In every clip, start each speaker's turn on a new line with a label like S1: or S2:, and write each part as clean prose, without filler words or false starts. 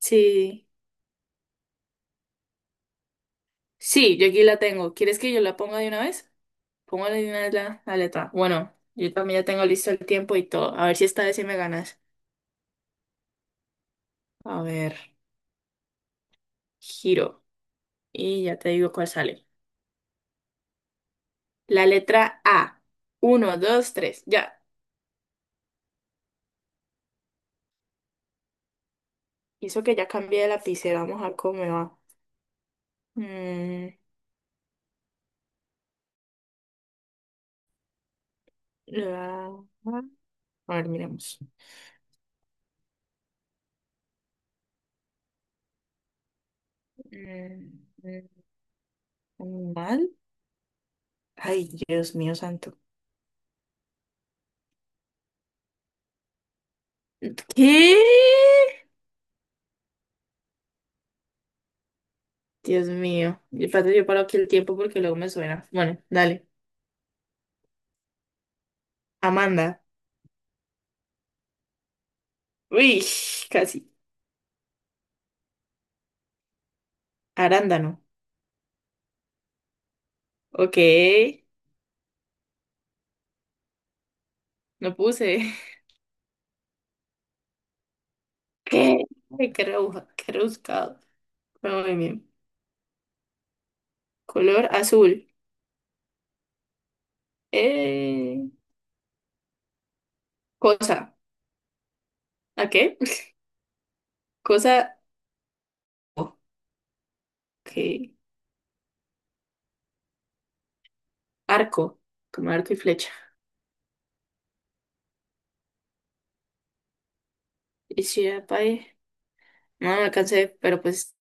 S1: Sí, sí, yo aquí la tengo. ¿Quieres que yo la ponga de una vez? Pongo de una vez la letra. Bueno, yo también ya tengo listo el tiempo y todo. A ver si esta vez sí me ganas. A ver, giro. Y ya te digo cuál sale. La letra A. Uno, dos, tres. Ya. Hizo que ya cambié de lapicera. Vamos a ver cómo me va. Mm, la- A ver, miremos. Mm, ¿Mal? Ay, Dios mío santo. ¿Qué? Dios mío. Y espérate, yo paro aquí el tiempo porque luego me suena. Bueno, dale. Amanda. Uy, casi. Arándano. Ok. No puse. ¿Qué? Ay, qué rebuja, qué rebuscado. Pero muy bien. Color azul. Eh, cosa. ¿A qué? Cosa. Ok. Arco. Como arco y flecha. Y si era pa' ahí. No, no alcancé, pero pues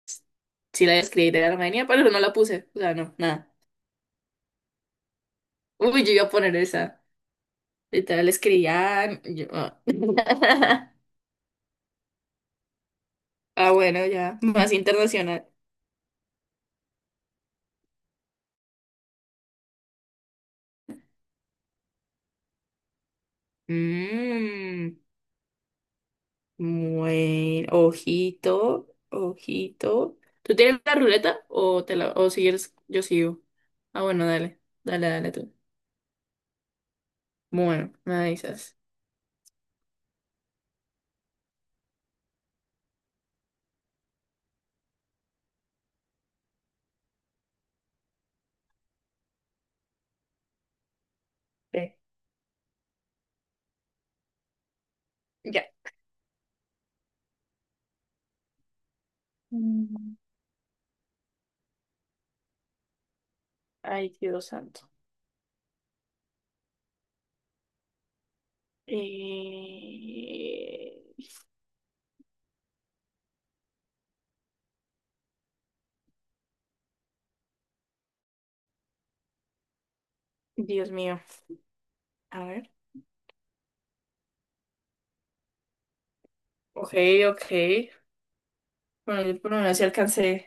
S1: sí la escribí de Armenia, pero no la puse. O sea, no, nada. Uy, yo iba a poner esa. Literal escribía. Ah, Ah, bueno, ya. Más internacional. Mmm. Bueno. Ojito. Ojito. ¿Tú tienes la ruleta? O te la, o sigues yo sigo. Ah, bueno, dale. Dale, dale tú. Bueno, me avisas. Ve, ya. Mm, Ay, Dios santo. Eh, Dios mío. A ver. Ok, ok. Bueno, yo por lo menos sí alcancé.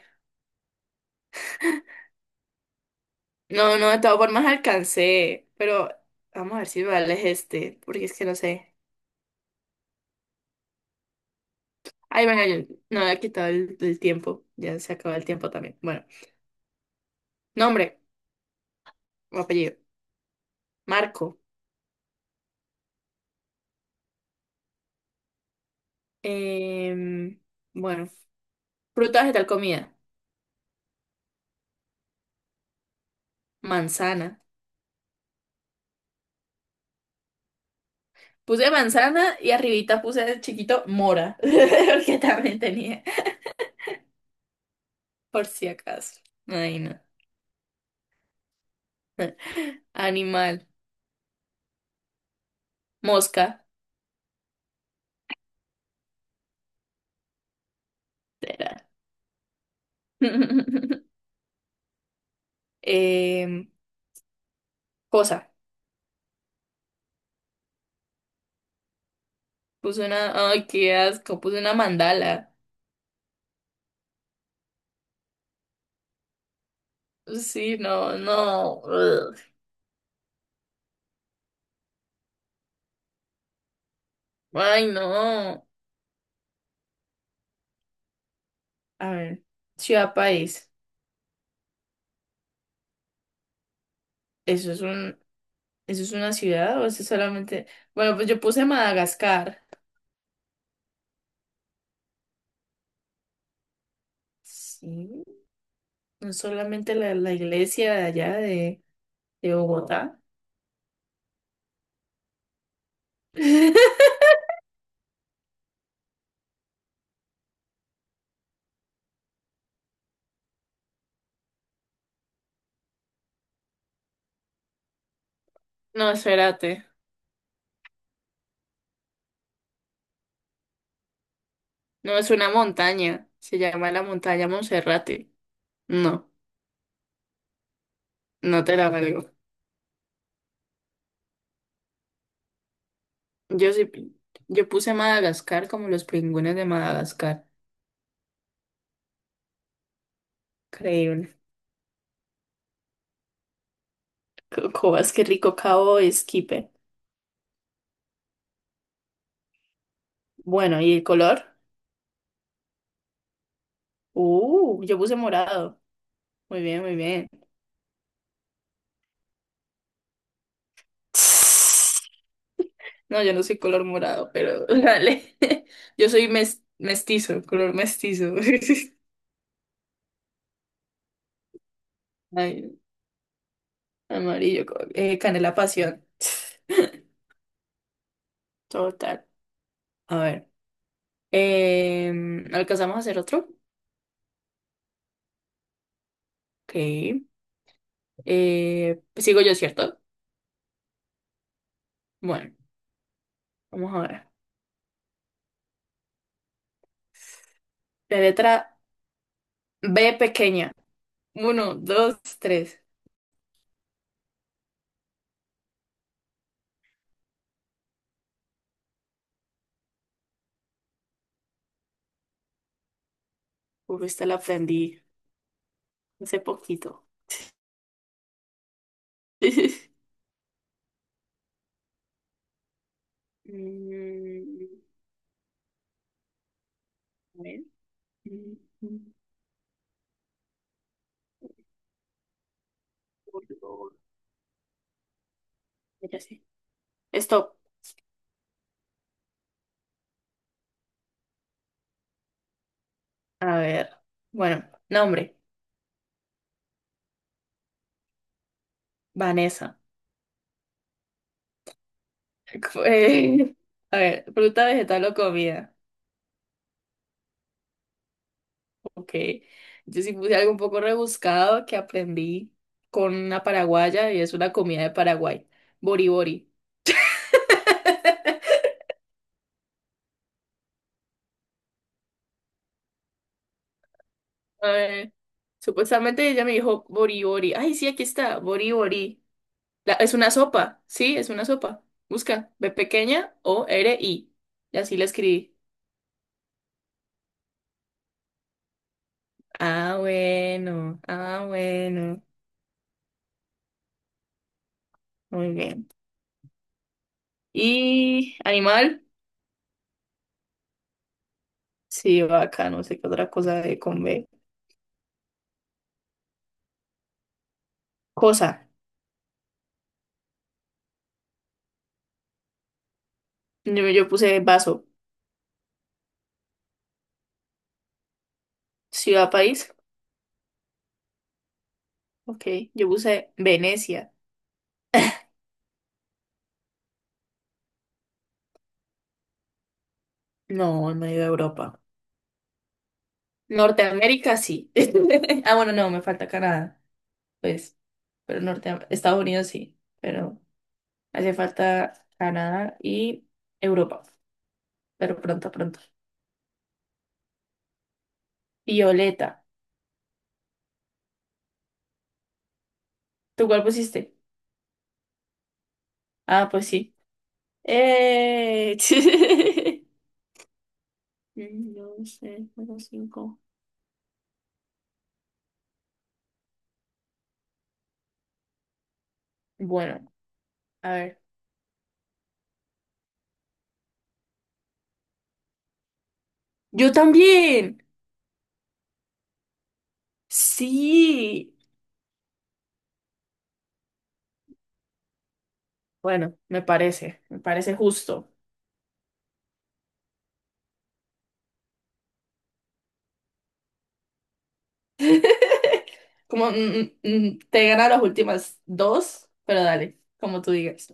S1: No, no, de todas formas alcancé, pero vamos a ver si vale es este, porque es que no sé. Ay, bueno, yo no había quitado el tiempo, ya se acabó el tiempo también. Bueno, nombre o apellido, Marco. Em, bueno, fruta, vegetal, comida, manzana. Puse manzana y arribita puse el chiquito mora, porque también tenía, por si acaso. Ay, no. Animal, mosca, será. Em, cosa. Puse una, ay, qué asco, puse una mandala. Pues sí, no, no. Ugh. Ay, no. A ver, ciudad país. ¿Eso es una ciudad o eso es solamente? Bueno, pues yo puse Madagascar. Sí, no es solamente la iglesia de allá de, Bogotá. No, espérate. No, es una montaña. Se llama la montaña Monserrate. No, no te la valgo. Yo sí, yo puse Madagascar como los pingüinos de Madagascar. Increíble. Cobas, qué rico cabo esquipe. Bueno, ¿y el color? Yo puse morado. Muy bien, muy bien. No, yo no soy color morado, pero dale. Yo soy mestizo, color mestizo. Ay, amarillo, canela pasión. Total. A ver. ¿Alcanzamos a hacer otro? Ok. Sigo yo, ¿cierto? Bueno, vamos a ver. La letra B pequeña. Uno, dos, tres. Uf, esta la aprendí hace poquito. Mm, a ver. Mm, mm, color. Ya sé. Stop. A ver. Bueno, nombre. Vanessa. Eh, a ver, fruta, vegetal o comida. Ok. Yo sí puse algo un poco rebuscado que aprendí con una paraguaya y es una comida de Paraguay. Bori bori. Eh, supuestamente ella me dijo Bori Bori. Ay, sí, aquí está, Bori Bori. Es una sopa, sí, es una sopa. Busca, B pequeña O R I. Y así la escribí. Ah, bueno, ah, bueno. Muy bien. ¿Y animal? Sí, vaca, no sé qué otra cosa de con B. Cosa. Yo puse vaso. Ciudad, país. Ok. Yo puse Venecia. No, en medio de Europa. Norteamérica, sí. Ah, bueno, no, me falta Canadá. Pues, pero norte, Estados Unidos sí, pero hace falta Canadá y Europa, pero pronto, pronto. Violeta, ¿tú cuál pusiste? Ah, pues sí. ¡Eh! No sé, juego cinco. Bueno, a ver. Yo también. Sí. Bueno, me parece justo. Como mm, mm, mm, te ganan las últimas dos, pero dale, como tú digas.